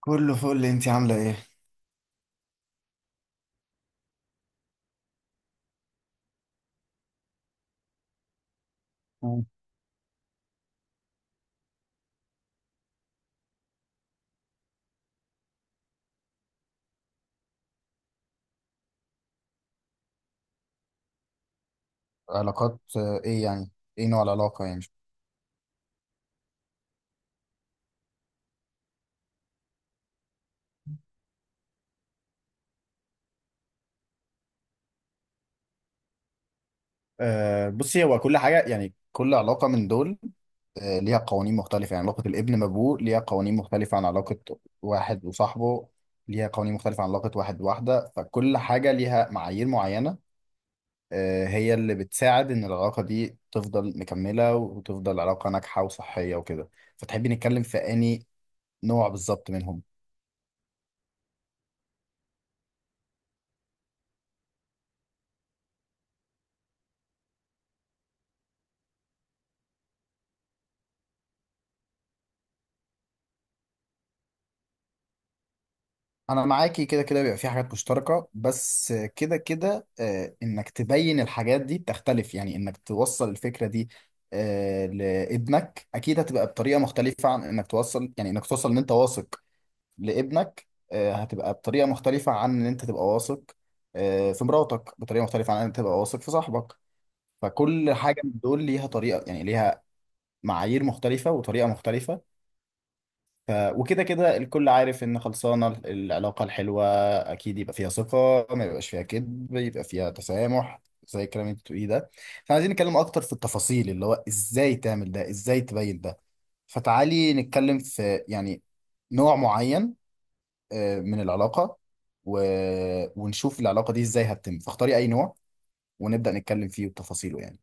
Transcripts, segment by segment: كله فل، انت عامله ايه؟ مم. علاقات، ايه يعني؟ ايه نوع العلاقة يعني؟ بصي، هو كل حاجه، يعني كل علاقه من دول، ليها قوانين مختلفه، يعني علاقه الابن بابوه ليها قوانين مختلفه عن علاقه واحد وصاحبه، ليها قوانين مختلفه عن علاقه واحد بواحده، فكل حاجه ليها معايير معينه، هي اللي بتساعد ان العلاقه دي تفضل مكمله وتفضل علاقه ناجحه وصحيه وكده. فتحبي نتكلم في اني نوع بالظبط منهم؟ انا معاكي، كده كده بيبقى في حاجات مشتركه، بس كده كده انك تبين الحاجات دي بتختلف، يعني انك توصل الفكره دي، لابنك اكيد هتبقى بطريقه مختلفه عن انك توصل، يعني انك توصل ان انت واثق لابنك هتبقى بطريقه مختلفه عن ان انت تبقى واثق في مراتك، بطريقه مختلفه عن ان انت تبقى واثق في صاحبك. فكل حاجه من دول ليها طريقه، يعني ليها معايير مختلفه وطريقه مختلفه. وكده كده الكل عارف ان خلصانه العلاقه الحلوه اكيد يبقى فيها ثقه، ما يبقاش فيها كذب، يبقى فيها تسامح، زي الكلام اللي انت بتقوليه ده. فعايزين نتكلم اكتر في التفاصيل، اللي هو ازاي تعمل ده، ازاي تبين ده. فتعالي نتكلم في، يعني، نوع معين من العلاقه، و... ونشوف العلاقه دي ازاي هتتم، فاختاري اي نوع ونبدا نتكلم فيه وتفاصيله، يعني.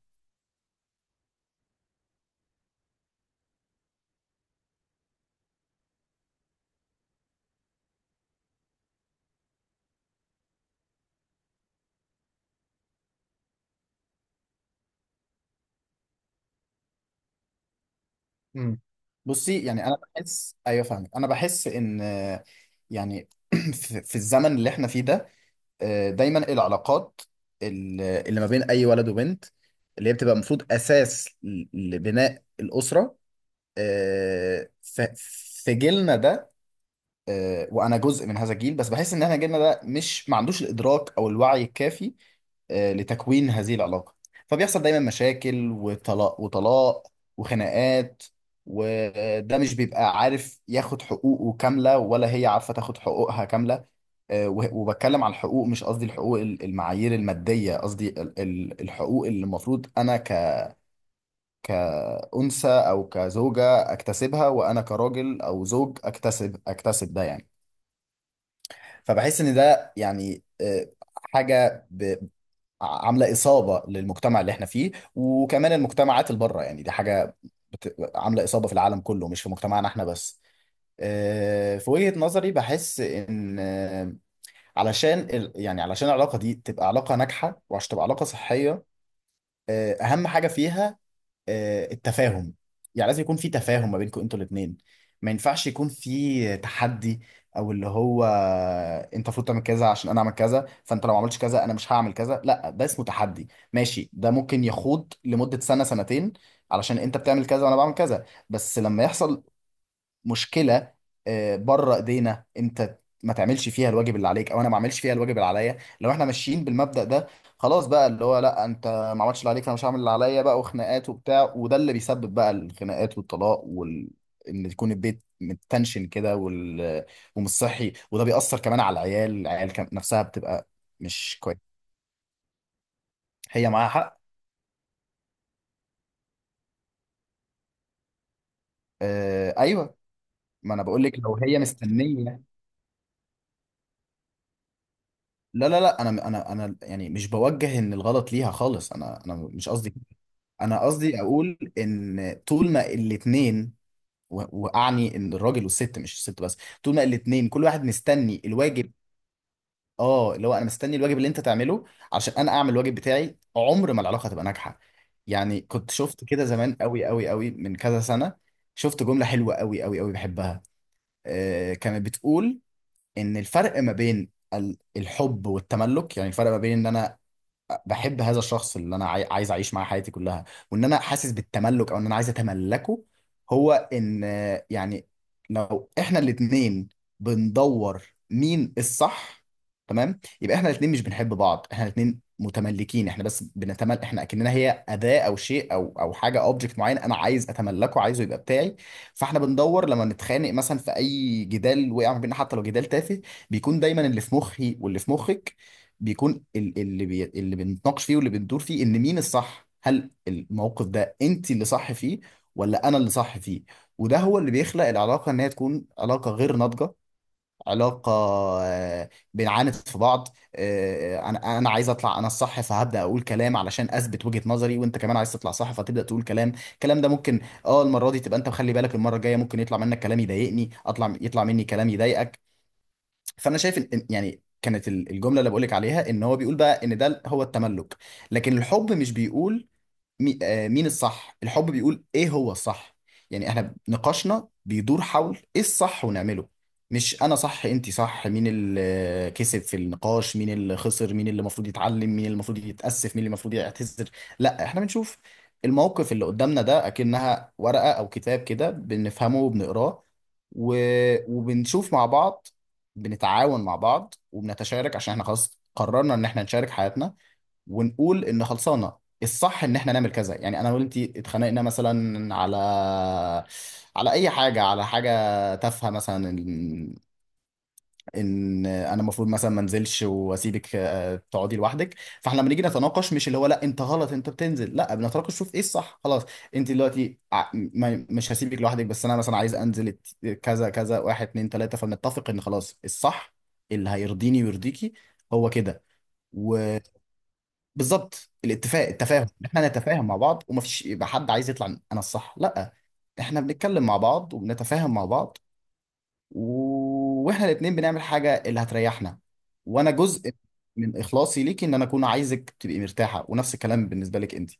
مم. بصي يعني، انا بحس، ايوه فاهمك. انا بحس ان، يعني في الزمن اللي احنا فيه ده، دايما العلاقات اللي ما بين اي ولد وبنت، اللي هي بتبقى المفروض اساس لبناء الاسره، آه، ف- في جيلنا ده، وانا جزء من هذا الجيل، بس بحس ان احنا جيلنا ده، مش ما عندوش الادراك او الوعي الكافي لتكوين هذه العلاقه. فبيحصل دايما مشاكل وطلاق وطلاق وخناقات، وده مش بيبقى عارف ياخد حقوقه كامله، ولا هي عارفه تاخد حقوقها كامله. وبتكلم عن الحقوق، مش قصدي الحقوق المعايير الماديه، قصدي الحقوق اللي المفروض انا كأنثى او كزوجه اكتسبها، وانا كراجل او زوج اكتسب ده يعني. فبحس ان ده يعني حاجه عامله اصابه للمجتمع اللي احنا فيه، وكمان المجتمعات اللي بره، يعني دي حاجه عامله اصابه في العالم كله، مش في مجتمعنا احنا بس. في وجهه نظري بحس ان علشان يعني علشان العلاقه دي تبقى علاقه ناجحه، وعشان تبقى علاقه صحيه، اهم حاجه فيها التفاهم. يعني لازم يكون في تفاهم ما بينكم انتوا الاثنين، ما ينفعش يكون في تحدي، او اللي هو، انت المفروض تعمل كذا عشان انا اعمل كذا، فانت لو ما عملتش كذا انا مش هعمل كذا، لا ده اسمه تحدي. ماشي، ده ممكن يخوض لمدة سنة سنتين علشان انت بتعمل كذا وانا بعمل كذا، بس لما يحصل مشكله، بره ايدينا، انت ما تعملش فيها الواجب اللي عليك، او انا ما اعملش فيها الواجب اللي عليا، لو احنا ماشيين بالمبدأ ده، خلاص بقى، اللي هو لا انت ما عملتش اللي عليك فانا مش هعمل اللي عليا بقى، وخناقات وبتاع، وده اللي بيسبب بقى الخناقات والطلاق ان يكون البيت متنشن كده، ومش صحي، وده بيأثر كمان على العيال، نفسها بتبقى مش كويس. هي معاها حق. آه، ايوه. ما انا بقول لك لو هي مستنيه. لا، لا، لا، انا يعني مش بوجه ان الغلط ليها خالص، انا مش قصدي كده. انا قصدي اقول ان طول ما الاتنين، واعني ان الراجل والست، مش الست بس، طول ما الاتنين كل واحد مستني الواجب. اه، اللي هو انا مستني الواجب اللي انت تعمله عشان انا اعمل الواجب بتاعي، عمر ما العلاقه هتبقى ناجحه. يعني كنت شفت كده زمان قوي قوي قوي، من كذا سنه، شفت جمله حلوه قوي قوي قوي بحبها. كانت بتقول ان الفرق ما بين الحب والتملك، يعني الفرق ما بين ان انا بحب هذا الشخص اللي انا عايز اعيش معاه حياتي كلها، وان انا حاسس بالتملك، او ان انا عايز اتملكه، هو ان يعني لو احنا الاتنين بندور مين الصح، تمام، يبقى احنا الاتنين مش بنحب بعض، احنا الاتنين متملكين، احنا بس بنتمل، احنا اكننا هي اداة او شيء او حاجة، اوبجكت معين انا عايز اتملكه، عايزه يبقى بتاعي. فاحنا بندور لما نتخانق مثلا في اي جدال وقع ما بيننا، حتى لو جدال تافه، بيكون دايما اللي في مخي واللي في مخك، بيكون اللي بنتناقش فيه واللي بندور فيه، ان مين الصح. هل الموقف ده انت اللي صح فيه، ولا انا اللي صح فيه؟ وده هو اللي بيخلق العلاقه ان هي تكون علاقه غير ناضجه، علاقه، آه، بنعاند في بعض، انا عايز اطلع انا الصح، فهبدا اقول كلام علشان اثبت وجهه نظري، وانت كمان عايز تطلع صح فتبدا تقول كلام. الكلام ده ممكن، اه، المره دي تبقى انت مخلي بالك، المره الجايه ممكن يطلع منك كلام يضايقني، يطلع مني كلام يضايقك. فانا شايف يعني كانت الجمله اللي بقولك عليها ان هو بيقول بقى ان ده هو التملك، لكن الحب مش بيقول مين الصح. الحب بيقول ايه هو الصح، يعني احنا نقاشنا بيدور حول ايه الصح ونعمله، مش انا صح انت صح، مين اللي كسب في النقاش، مين اللي خسر، مين اللي المفروض يتعلم، مين اللي المفروض يتأسف، مين اللي المفروض يعتذر. لا، احنا بنشوف الموقف اللي قدامنا ده اكنها ورقة او كتاب كده، بنفهمه وبنقراه، و... وبنشوف مع بعض، بنتعاون مع بعض وبنتشارك، عشان احنا خلاص قررنا ان احنا نشارك حياتنا، ونقول ان خلصانه الصح ان احنا نعمل كذا. يعني انا وانت اتخانقنا مثلا على اي حاجه على حاجه تافهه، مثلا ان انا المفروض مثلا ما انزلش واسيبك تقعدي لوحدك. فاحنا لما نيجي نتناقش، مش اللي هو لا انت غلط انت بتنزل، لا بنتناقش شوف ايه الصح، خلاص، انت دلوقتي مش هسيبك لوحدك، بس انا مثلا عايز انزل كذا كذا، واحد اتنين تلاته، فبنتفق ان خلاص الصح اللي هيرضيني ويرضيكي هو كده. بالظبط، الاتفاق، التفاهم، احنا نتفاهم مع بعض، ومفيش يبقى حد عايز يطلع انا الصح، لا، احنا بنتكلم مع بعض وبنتفاهم مع بعض، و... واحنا الاتنين بنعمل حاجة اللي هتريحنا، وانا جزء من اخلاصي ليكي، ان انا اكون عايزك تبقي مرتاحة، ونفس الكلام بالنسبة لك انت.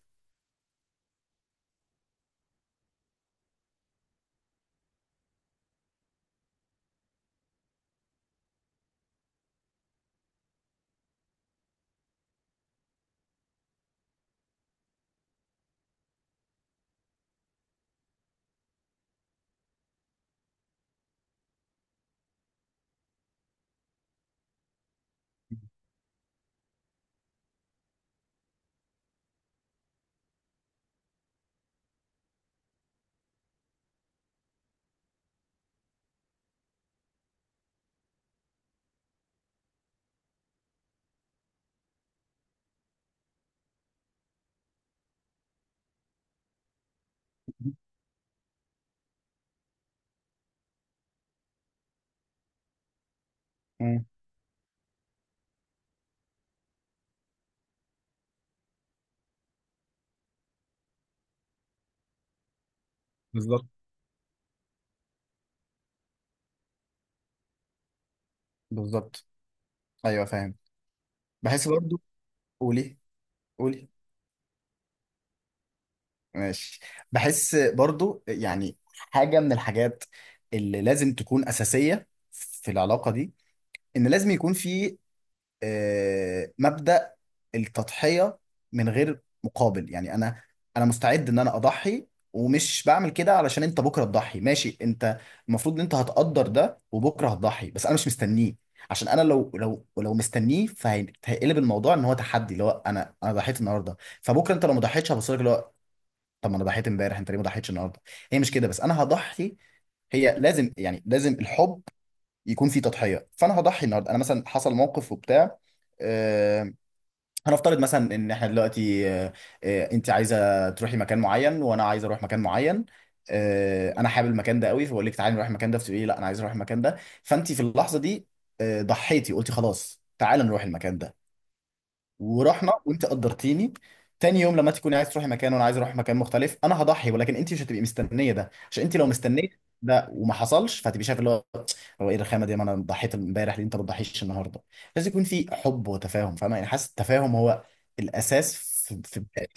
مم. بالظبط. بالظبط. ايوه، فاهم. بحس برضو. قولي. قولي. ماشي. بحس برضو يعني حاجه من الحاجات اللي لازم تكون اساسيه في العلاقه دي، ان لازم يكون في مبدأ التضحية من غير مقابل، يعني انا مستعد ان انا اضحي، ومش بعمل كده علشان انت بكره تضحي. ماشي، انت المفروض ان انت هتقدر ده، وبكره هتضحي، بس انا مش مستنيه، عشان انا لو مستنيه فهيقلب الموضوع ان هو تحدي، اللي هو انا ضحيت النهارده، فبكره انت لو ما ضحيتش هبص لك اللي هو، طب ما انا ضحيت امبارح، انت ليه ما ضحيتش النهارده؟ هي مش كده، بس انا هضحي، هي لازم، يعني لازم الحب يكون في تضحيه، فانا هضحي النهارده. انا مثلا حصل موقف وبتاع، آه، هنفترض مثلا ان احنا دلوقتي انت عايزه تروحي مكان معين، وانا عايز اروح مكان معين، انا حابب المكان ده قوي، فبقول لك تعالي نروح المكان ده، فتقولي لي لا انا عايز اروح المكان ده. فانت في اللحظه دي ضحيتي، قلتي خلاص تعالى نروح المكان ده، ورحنا وانت قدرتيني. تاني يوم لما تكوني عايز تروحي مكان وانا عايز اروح مكان مختلف، انا هضحي، ولكن انت مش هتبقي مستنيه ده، عشان انت لو مستنيه ده وما حصلش، فهتبقي شايف اللي هو، هو ايه الرخامه دي، ما انا ضحيت امبارح، ليه انت ما بتضحيش النهارده؟ لازم يكون في حب وتفاهم، فاهمه يعني، حاسس التفاهم هو الاساس في بداية.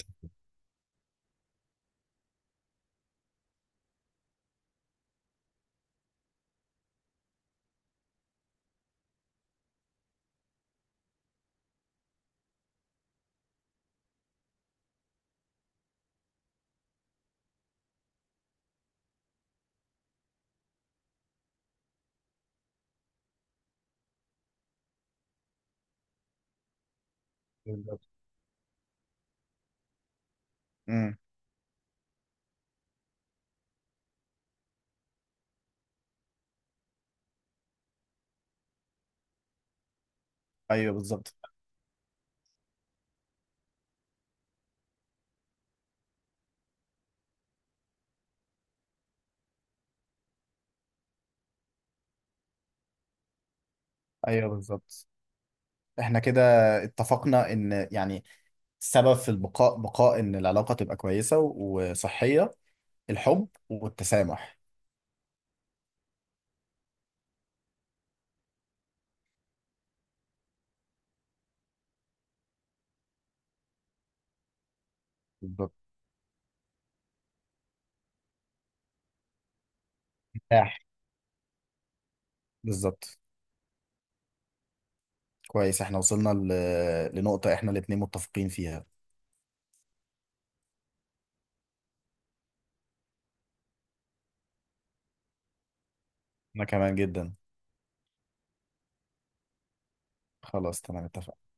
بالظبط. امم. ايوه بالظبط. ايوه بالظبط، احنا كده اتفقنا ان، يعني، السبب في بقاء ان العلاقه تبقى كويسه وصحيه، الحب والتسامح. بالظبط. بالظبط، كويس، احنا وصلنا لنقطة احنا الاتنين متفقين فيها. انا كمان جدا. خلاص، تمام، اتفقنا.